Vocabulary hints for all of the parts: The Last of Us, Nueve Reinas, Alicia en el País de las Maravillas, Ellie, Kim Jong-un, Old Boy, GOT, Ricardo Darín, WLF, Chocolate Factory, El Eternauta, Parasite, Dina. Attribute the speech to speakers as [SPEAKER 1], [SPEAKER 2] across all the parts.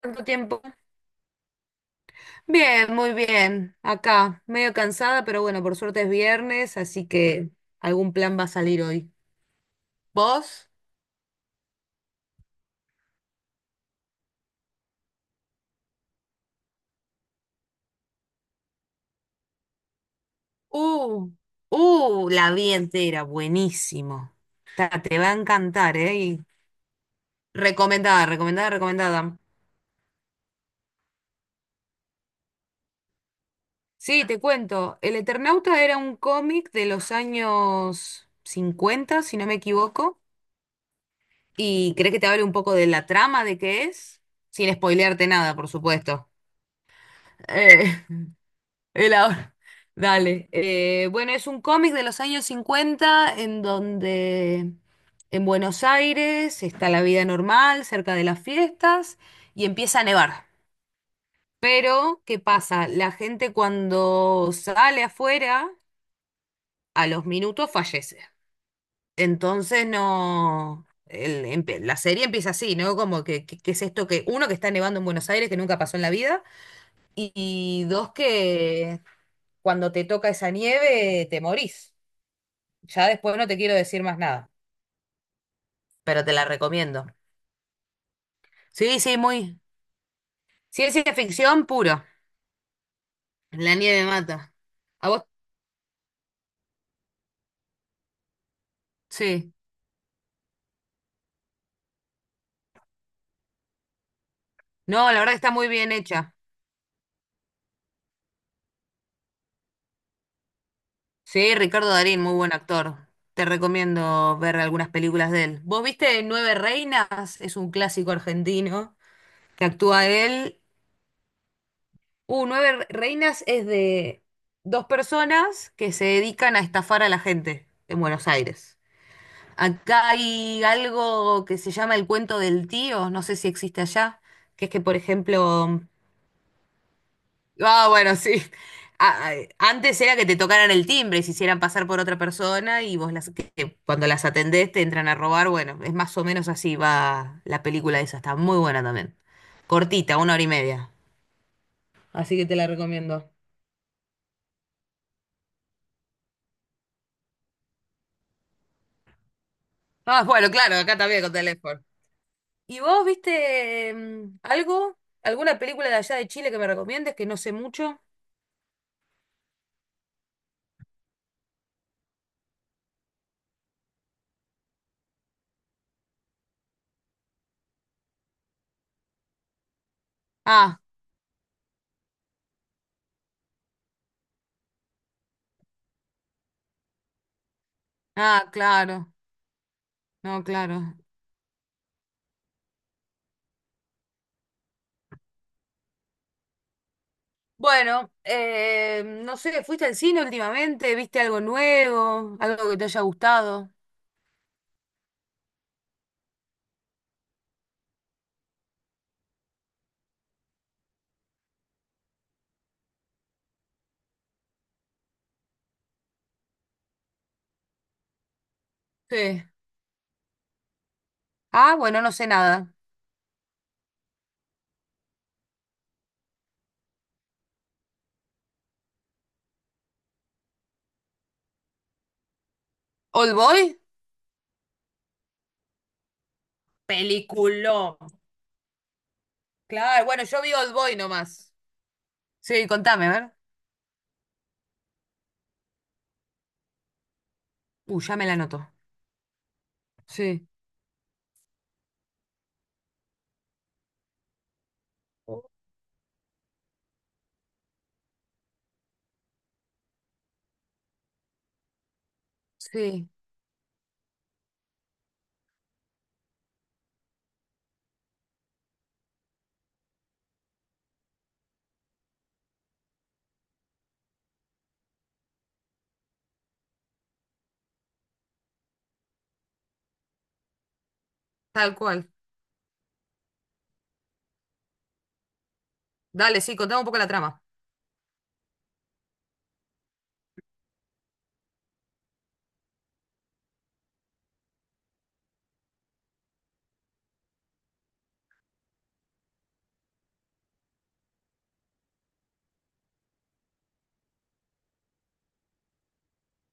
[SPEAKER 1] Tanto tiempo. Bien, muy bien. Acá, medio cansada, pero bueno, por suerte es viernes, así que algún plan va a salir hoy. ¿Vos? Uh, la vi entera, buenísimo. Te va a encantar, ¿eh? Y recomendada, recomendada, recomendada. Sí, te cuento. El Eternauta era un cómic de los años 50 si no me equivoco. ¿Y crees que te hable un poco de la trama de qué es? Sin spoilearte nada, por supuesto. Eh, El ahora, Dale. Bueno, es un cómic de los años 50 en donde en Buenos Aires está la vida normal, cerca de las fiestas, y empieza a nevar. Pero, ¿qué pasa? La gente cuando sale afuera, a los minutos fallece. Entonces no. La serie empieza así, ¿no? Como que, que es esto que, uno, que está nevando en Buenos Aires, que nunca pasó en la vida, y dos, que cuando te toca esa nieve, te morís. Ya después no te quiero decir más nada, pero te la recomiendo. Sí, sí, muy. Ciencia ficción puro. La nieve mata. ¿A vos? Sí. No, la verdad que está muy bien hecha. Sí, Ricardo Darín, muy buen actor. Te recomiendo ver algunas películas de él. ¿Vos viste Nueve Reinas? Es un clásico argentino que actúa él. Reinas es de dos personas que se dedican a estafar a la gente en Buenos Aires. Acá hay algo que se llama el cuento del tío, no sé si existe allá, que es que, por ejemplo, ah, bueno, sí. Antes era que te tocaran el timbre y se hicieran pasar por otra persona y vos las, que cuando las atendés te entran a robar. Bueno, es más o menos así va la película esa, está muy buena también. Cortita, una hora y media. Así que te la recomiendo. Ah, bueno, claro, acá también con teléfono. ¿Y vos viste algo? ¿Alguna película de allá de Chile que me recomiendes que no sé mucho? Ah, ah, claro, no, claro. Bueno, no sé, ¿fuiste al cine últimamente? ¿Viste algo nuevo? ¿Algo que te haya gustado? Sí. Ah, bueno, no sé nada. ¿Old Boy? Peliculón. Claro, bueno, yo vi Old Boy nomás. Sí, contame, a ver. Ya me la anoto. Sí. Sí, tal cual. Dale, sí, contame un poco la trama.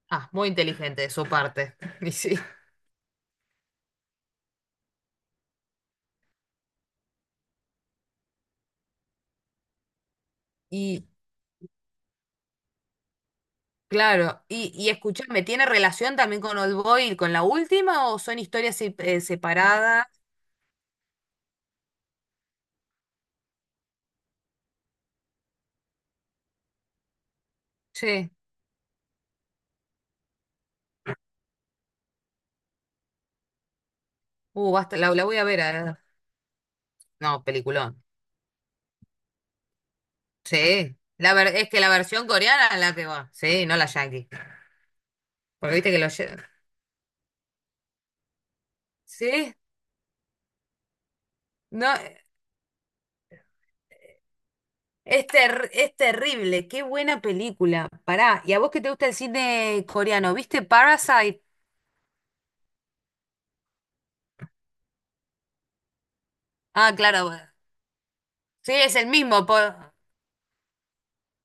[SPEAKER 1] Ah, muy inteligente de su parte. Y sí. Y, Claro, y escúchame, ¿tiene relación también con Old Boy, con la última o son historias separadas? Sí, basta, la voy a ver. No, peliculón. Sí, es que la versión coreana es la que va. Sí, no la yankee. Porque viste que sí, no, es, es terrible. Qué buena película. Pará, y a vos que te gusta el cine coreano, ¿viste Parasite? Ah, claro, bueno. Sí, es el mismo.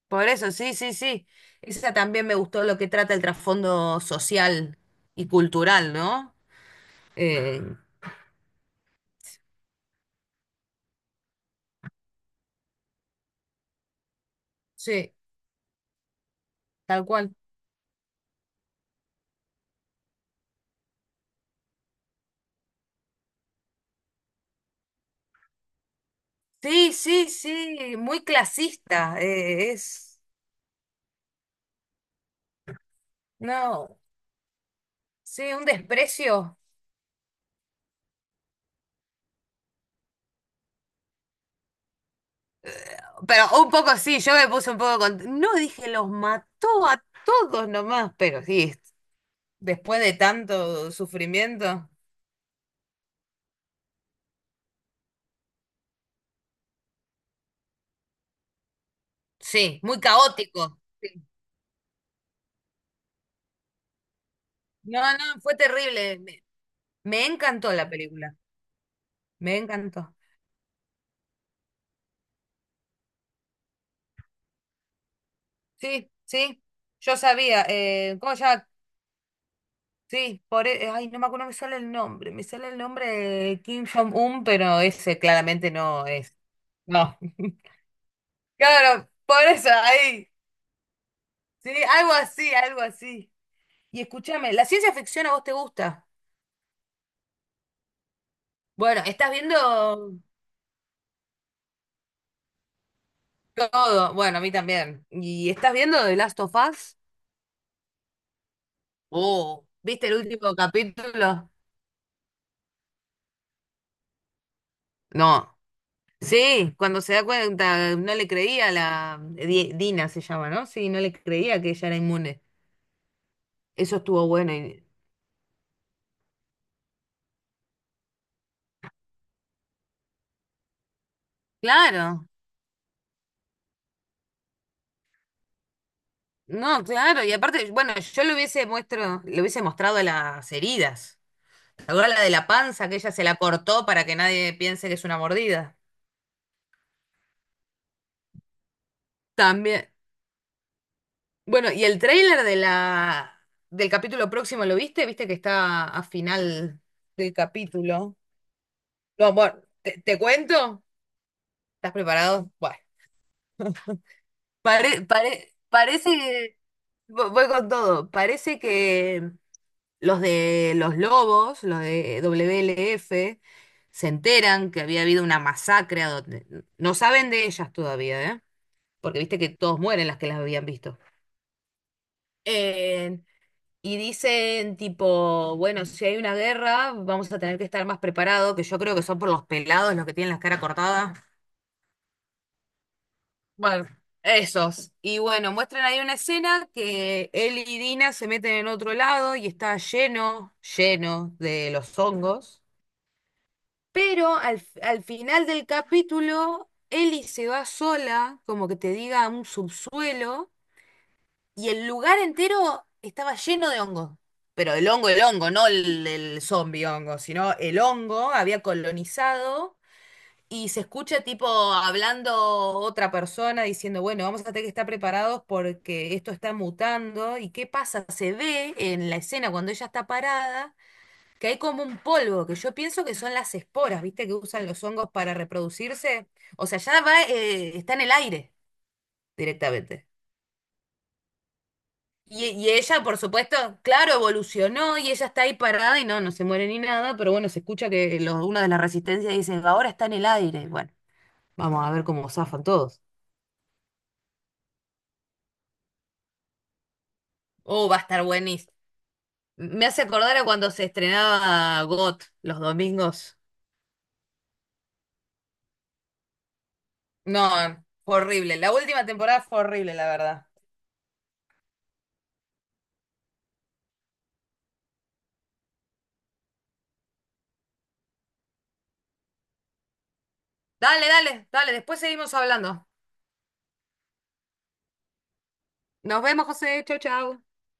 [SPEAKER 1] Por eso, sí, sí, sí. Esa también me gustó lo que trata el trasfondo social y cultural, ¿no? Eh, sí, tal cual. Sí, sí, sí, muy clasista. No, sí, un desprecio. Pero un poco sí, yo me puse un poco con. No dije, los mató a todos nomás, pero sí, después de tanto sufrimiento. Sí, muy caótico. Sí. No, no, fue terrible. Me encantó la película. Me encantó. Sí, sí, yo sabía. ¿Cómo se llama? Sí, por, ay, no me acuerdo, no me sale el nombre. Me sale el nombre de Kim Jong-un, pero ese claramente no es. No. Claro, por eso, ahí. Sí, algo así, algo así. Y escúchame, ¿la ciencia ficción a vos te gusta? Bueno, ¿estás viendo todo? Bueno, a mí también. ¿Y estás viendo The Last of Us? Oh, ¿viste el último capítulo? No. Sí, cuando se da cuenta, no le creía a la Dina se llama, ¿no? Sí, no le creía que ella era inmune. Eso estuvo bueno. Claro, no, claro. Y aparte, bueno, yo le hubiese muestro, le hubiese mostrado las heridas. Ahora la de la panza que ella se la cortó para que nadie piense que es una mordida. También. Bueno, y el tráiler de la del capítulo próximo, ¿lo viste? ¿Viste que está a final del capítulo? No, bueno, ¿te, te cuento? ¿Estás preparado? Bueno. Parece, que voy con todo, parece que los de los Lobos, los de WLF, se enteran que había habido una masacre a donde no saben de ellas todavía, ¿eh? Porque viste que todos mueren las que las habían visto. Eh, y dicen tipo, bueno, si hay una guerra, vamos a tener que estar más preparados, que yo creo que son por los pelados los que tienen la cara cortada. Bueno, esos. Y bueno, muestran ahí una escena que él y Dina se meten en otro lado y está lleno, lleno de los hongos. Pero al final del capítulo, Ellie se va sola, como que te diga, a un subsuelo, y el lugar entero estaba lleno de hongos. Pero el hongo, no el, el zombie hongo, sino el hongo había colonizado y se escucha tipo hablando otra persona diciendo, bueno, vamos a tener que estar preparados porque esto está mutando. ¿Y qué pasa? Se ve en la escena cuando ella está parada que hay como un polvo, que yo pienso que son las esporas, ¿viste? Que usan los hongos para reproducirse. O sea, ya va, está en el aire directamente. Y ella, por supuesto, claro, evolucionó y ella está ahí parada y no, no se muere ni nada, pero bueno, se escucha que una de las resistencias dice, ahora está en el aire. Bueno, vamos a ver cómo zafan todos. Oh, va a estar buenísimo. Me hace acordar a cuando se estrenaba GOT los domingos. No, fue horrible. La última temporada fue horrible, la verdad. Dale, dale, dale. Después seguimos hablando. Nos vemos, José. Chau, chau.